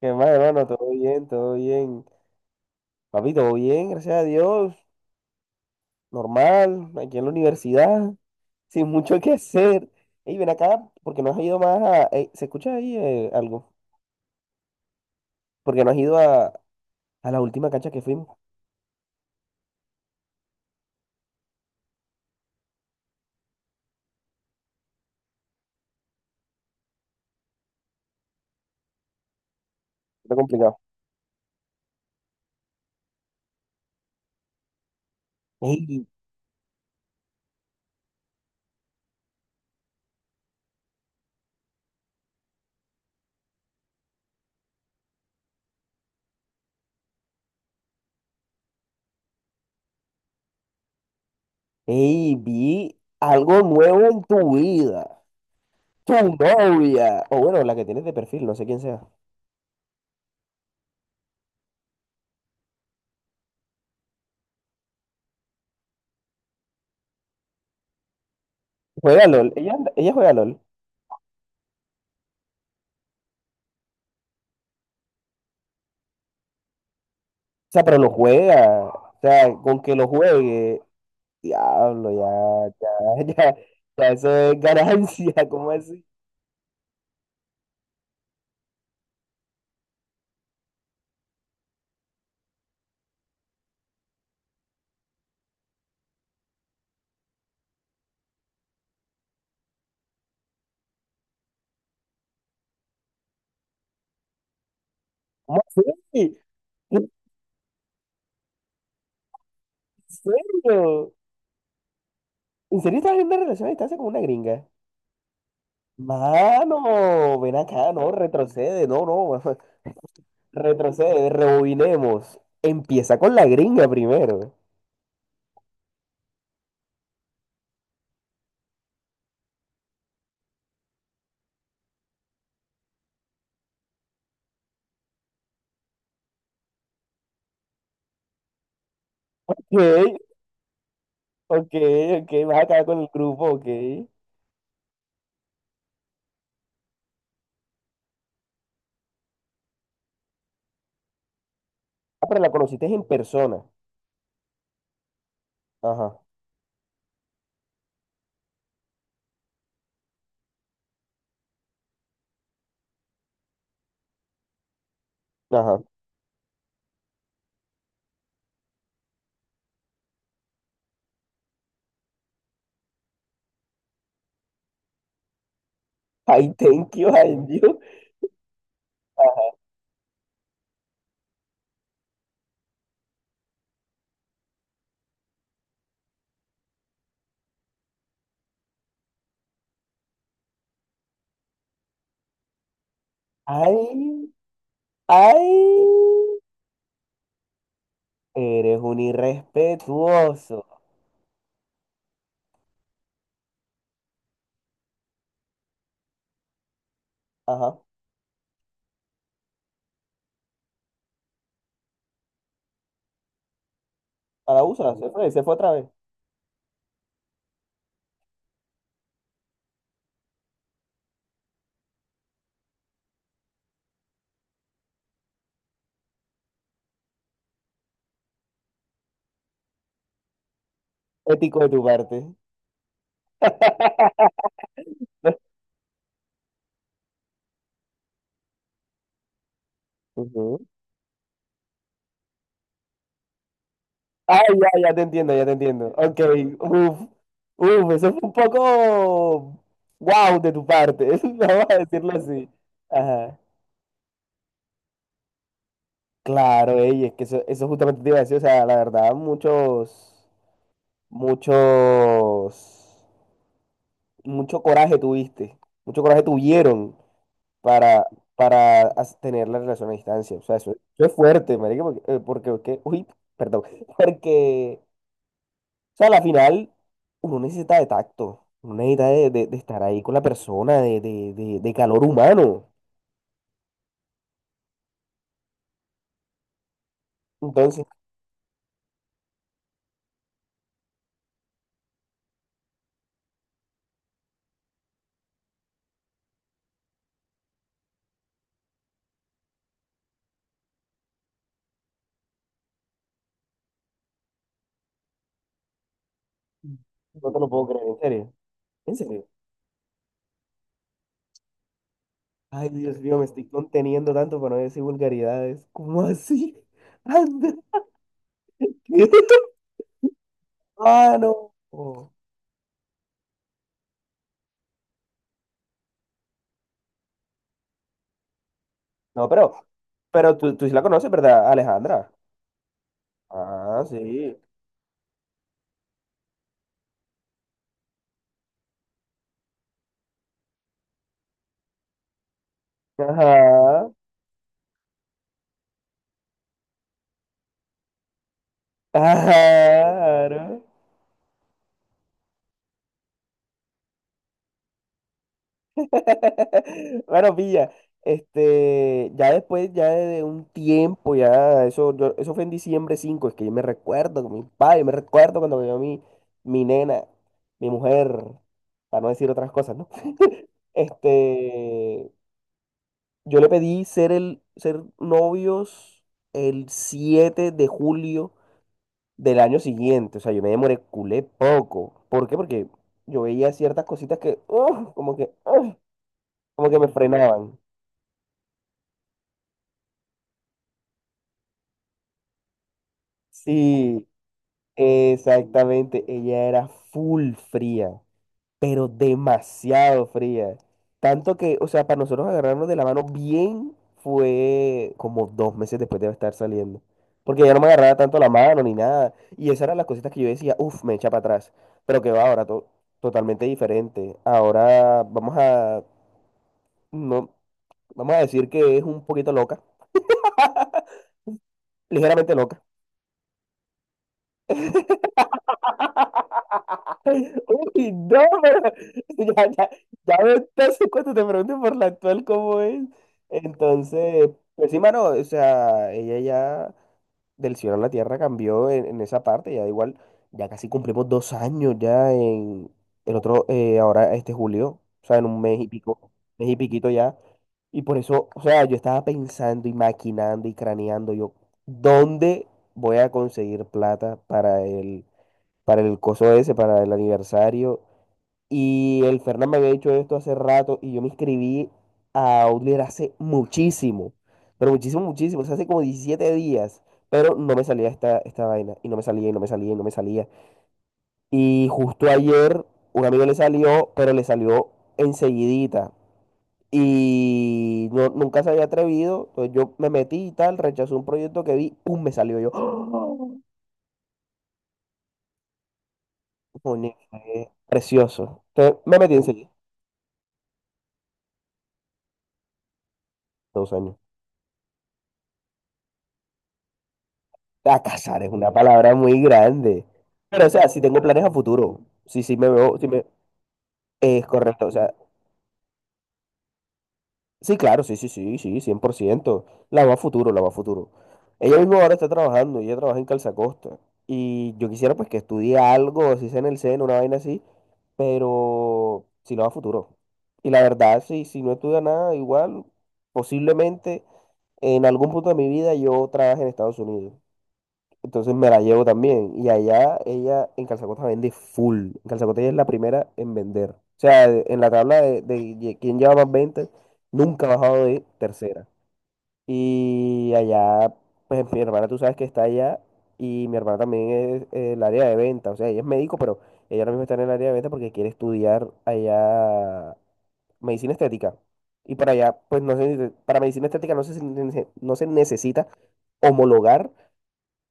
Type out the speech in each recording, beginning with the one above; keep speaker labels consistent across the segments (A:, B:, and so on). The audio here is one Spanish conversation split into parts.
A: ¿Qué más, hermano? Todo bien, todo bien. Papi, todo bien, gracias a Dios. Normal, aquí en la universidad, sin mucho que hacer. Y ven acá, porque no has ido más a... Ey, ¿se escucha ahí algo? Porque no has ido a la última cancha que fuimos. Está complicado. Ey, ey, vi algo nuevo en tu vida. Tu novia. O bueno, la que tienes de perfil, no sé quién sea. Juega LOL. Ella juega LOL. O sea, pero lo juega. O sea, con que lo juegue. Diablo, ya, ya, ya, ya, eso es ganancia, ¿cómo así? ¿Cómo así? ¿En serio? ¿En serio estás en una relación a distancia con una gringa? Mano, ven acá, no, retrocede, no, no, retrocede, rebobinemos. Empieza con la gringa primero. Ok, ok, ok, vas a acabar con el grupo, ok. Ah, pero la conociste en persona. Ajá, ajá. Ay, thank you, ay, Dios. Ay, ay. Eres un irrespetuoso. Ajá. A la usa, se fue otra vez. Ético de tu parte. Ujú. Ay, ya, ya te entiendo, ya te entiendo. Ok, uf, uf, eso fue un poco wow de tu parte, vamos a decirlo así. Ajá. Claro, ey, es que eso justamente te iba a decir, o sea, la verdad, muchos, mucho coraje tuviste, mucho coraje tuvieron para, para tener la relación a distancia. O sea, eso es fuerte, marica, uy, perdón, porque, o sea, a la final uno necesita de tacto, uno necesita de estar ahí con la persona, de calor humano. Entonces, no te lo puedo creer, en serio, en serio. Ay, Dios mío, me estoy conteniendo tanto para no decir vulgaridades. ¿Cómo así? Anda, ¿qué? Ah, no. No, pero, pero tú sí la conoces, ¿verdad, Alejandra? Ah, sí. Ajá, claro. Bueno, pilla, este, ya después, ya de un tiempo, ya, eso, eso fue en diciembre 5 es que yo me recuerdo con mi padre, yo me recuerdo cuando me vio mi, mi nena, mi mujer, para no decir otras cosas, ¿no? Este, yo le pedí ser novios el 7 de julio del año siguiente. O sea, yo me demoré culé poco. ¿Por qué? Porque yo veía ciertas cositas que, ¡uf! Como que, ¡uf! Como que me frenaban. Sí, exactamente. Ella era full fría, pero demasiado fría. Tanto que, o sea, para nosotros agarrarnos de la mano bien fue como 2 meses después de estar saliendo. Porque ya no me agarraba tanto la mano ni nada. Y esas eran las cositas que yo decía, uff, me echa para atrás. Pero que va ahora, totalmente diferente. Ahora vamos a, no, vamos a decir que es un poquito loca, ligeramente loca. Uy, no, pero ya, ya, ya me entonces cuando te pregunten por la actual cómo es. Entonces, pues sí, mano, o sea, ella ya del cielo a la tierra cambió en esa parte, ya igual, ya casi cumplimos 2 años ya en el otro, ahora este julio, o sea, en un mes y pico, mes y piquito ya. Y por eso, o sea, yo estaba pensando y maquinando y craneando yo, ¿dónde voy a conseguir plata para el coso ese, para el aniversario? Y el Fernán me había dicho esto hace rato y yo me inscribí a Outlier hace muchísimo, pero muchísimo, muchísimo, o sea, hace como 17 días, pero no me salía esta, esta vaina y no me salía y no me salía y no me salía. Y justo ayer un amigo le salió, pero le salió enseguidita y no, nunca se había atrevido, entonces yo me metí y tal, rechazó un proyecto que vi, ¡pum! Me salió yo. Coño, fue precioso. Entonces me metí enseguida, 2 años. A casar es una palabra muy grande. Pero, o sea, si tengo planes a futuro, sí, sí me veo, sí me... Es correcto, o sea, sí, claro, sí, sí, sí, sí, 100%. La va a futuro, la va a futuro. Ella misma ahora está trabajando, ella trabaja en Calzacosta. Y yo quisiera pues que estudie algo, si sea en el seno, una vaina así, pero si la va a futuro. Y la verdad, sí, si no estudia nada, igual, posiblemente en algún punto de mi vida yo trabaje en Estados Unidos. Entonces me la llevo también. Y allá ella en Calzacota vende full. En Calzacota ella es la primera en vender. O sea, de- en la tabla de quién lleva más ventas, nunca ha bajado de tercera. Y allá, pues mi hermana tú sabes que está allá. Y mi hermana también es el área de venta. O sea, ella es médico, pero ella ahora mismo está en el área de venta porque quiere estudiar allá medicina estética. Y para allá, pues no sé, para medicina estética no se, no se necesita homologar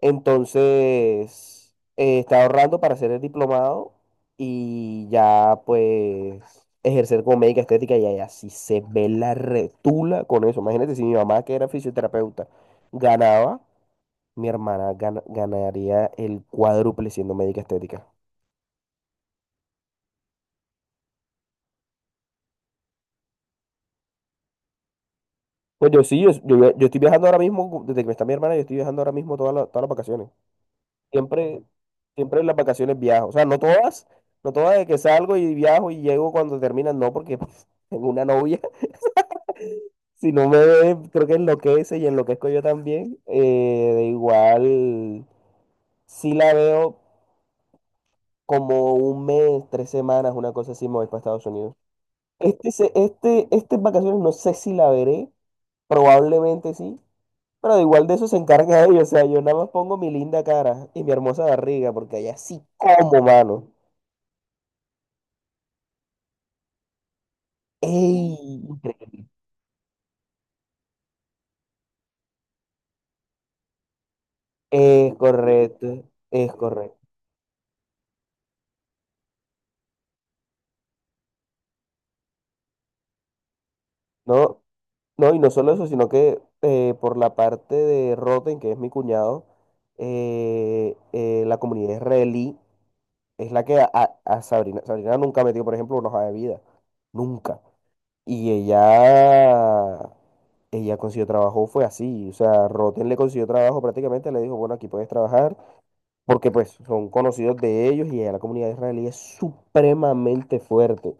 A: entonces, estaba ahorrando para hacer el diplomado y ya pues ejercer como médica estética y allá sí se ve la retula con eso. Imagínate si mi mamá, que era fisioterapeuta, ganaba, mi hermana ganaría el cuádruple siendo médica estética. Pues yo sí, yo estoy viajando ahora mismo, desde que está mi hermana, yo estoy viajando ahora mismo todas las vacaciones. Siempre, siempre en las vacaciones viajo. O sea, no todas, no todas de que salgo y viajo y llego cuando terminan, no, porque pues, tengo una novia. Si no me ve, creo que enloquece y enloquezco yo también. De igual, sí la veo como un mes, 3 semanas, una cosa así, me voy para Estados Unidos. Este, este, estas vacaciones no sé si la veré, probablemente sí, pero de igual de eso se encarga ella. O sea, yo nada más pongo mi linda cara y mi hermosa barriga, porque allá sí como, mano. ¡Ey! Es correcto, es correcto. No, no, y no solo eso, sino que por la parte de Roten, que es mi cuñado, la comunidad israelí es la que a Sabrina, Sabrina nunca metió, por ejemplo, una hoja de vida. Nunca. Y ella consiguió trabajo, fue así. O sea, Roten le consiguió trabajo prácticamente, le dijo, bueno, aquí puedes trabajar, porque pues son conocidos de ellos y la comunidad israelí es supremamente fuerte.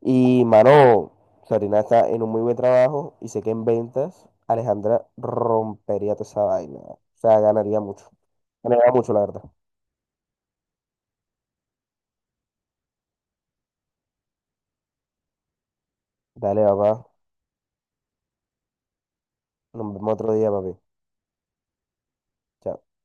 A: Y, mano, Sabrina está en un muy buen trabajo y sé que en ventas Alejandra rompería toda esa vaina. O sea, ganaría mucho. Ganaría mucho, la verdad. Dale, papá. Nos vemos otro día, papi. Chao.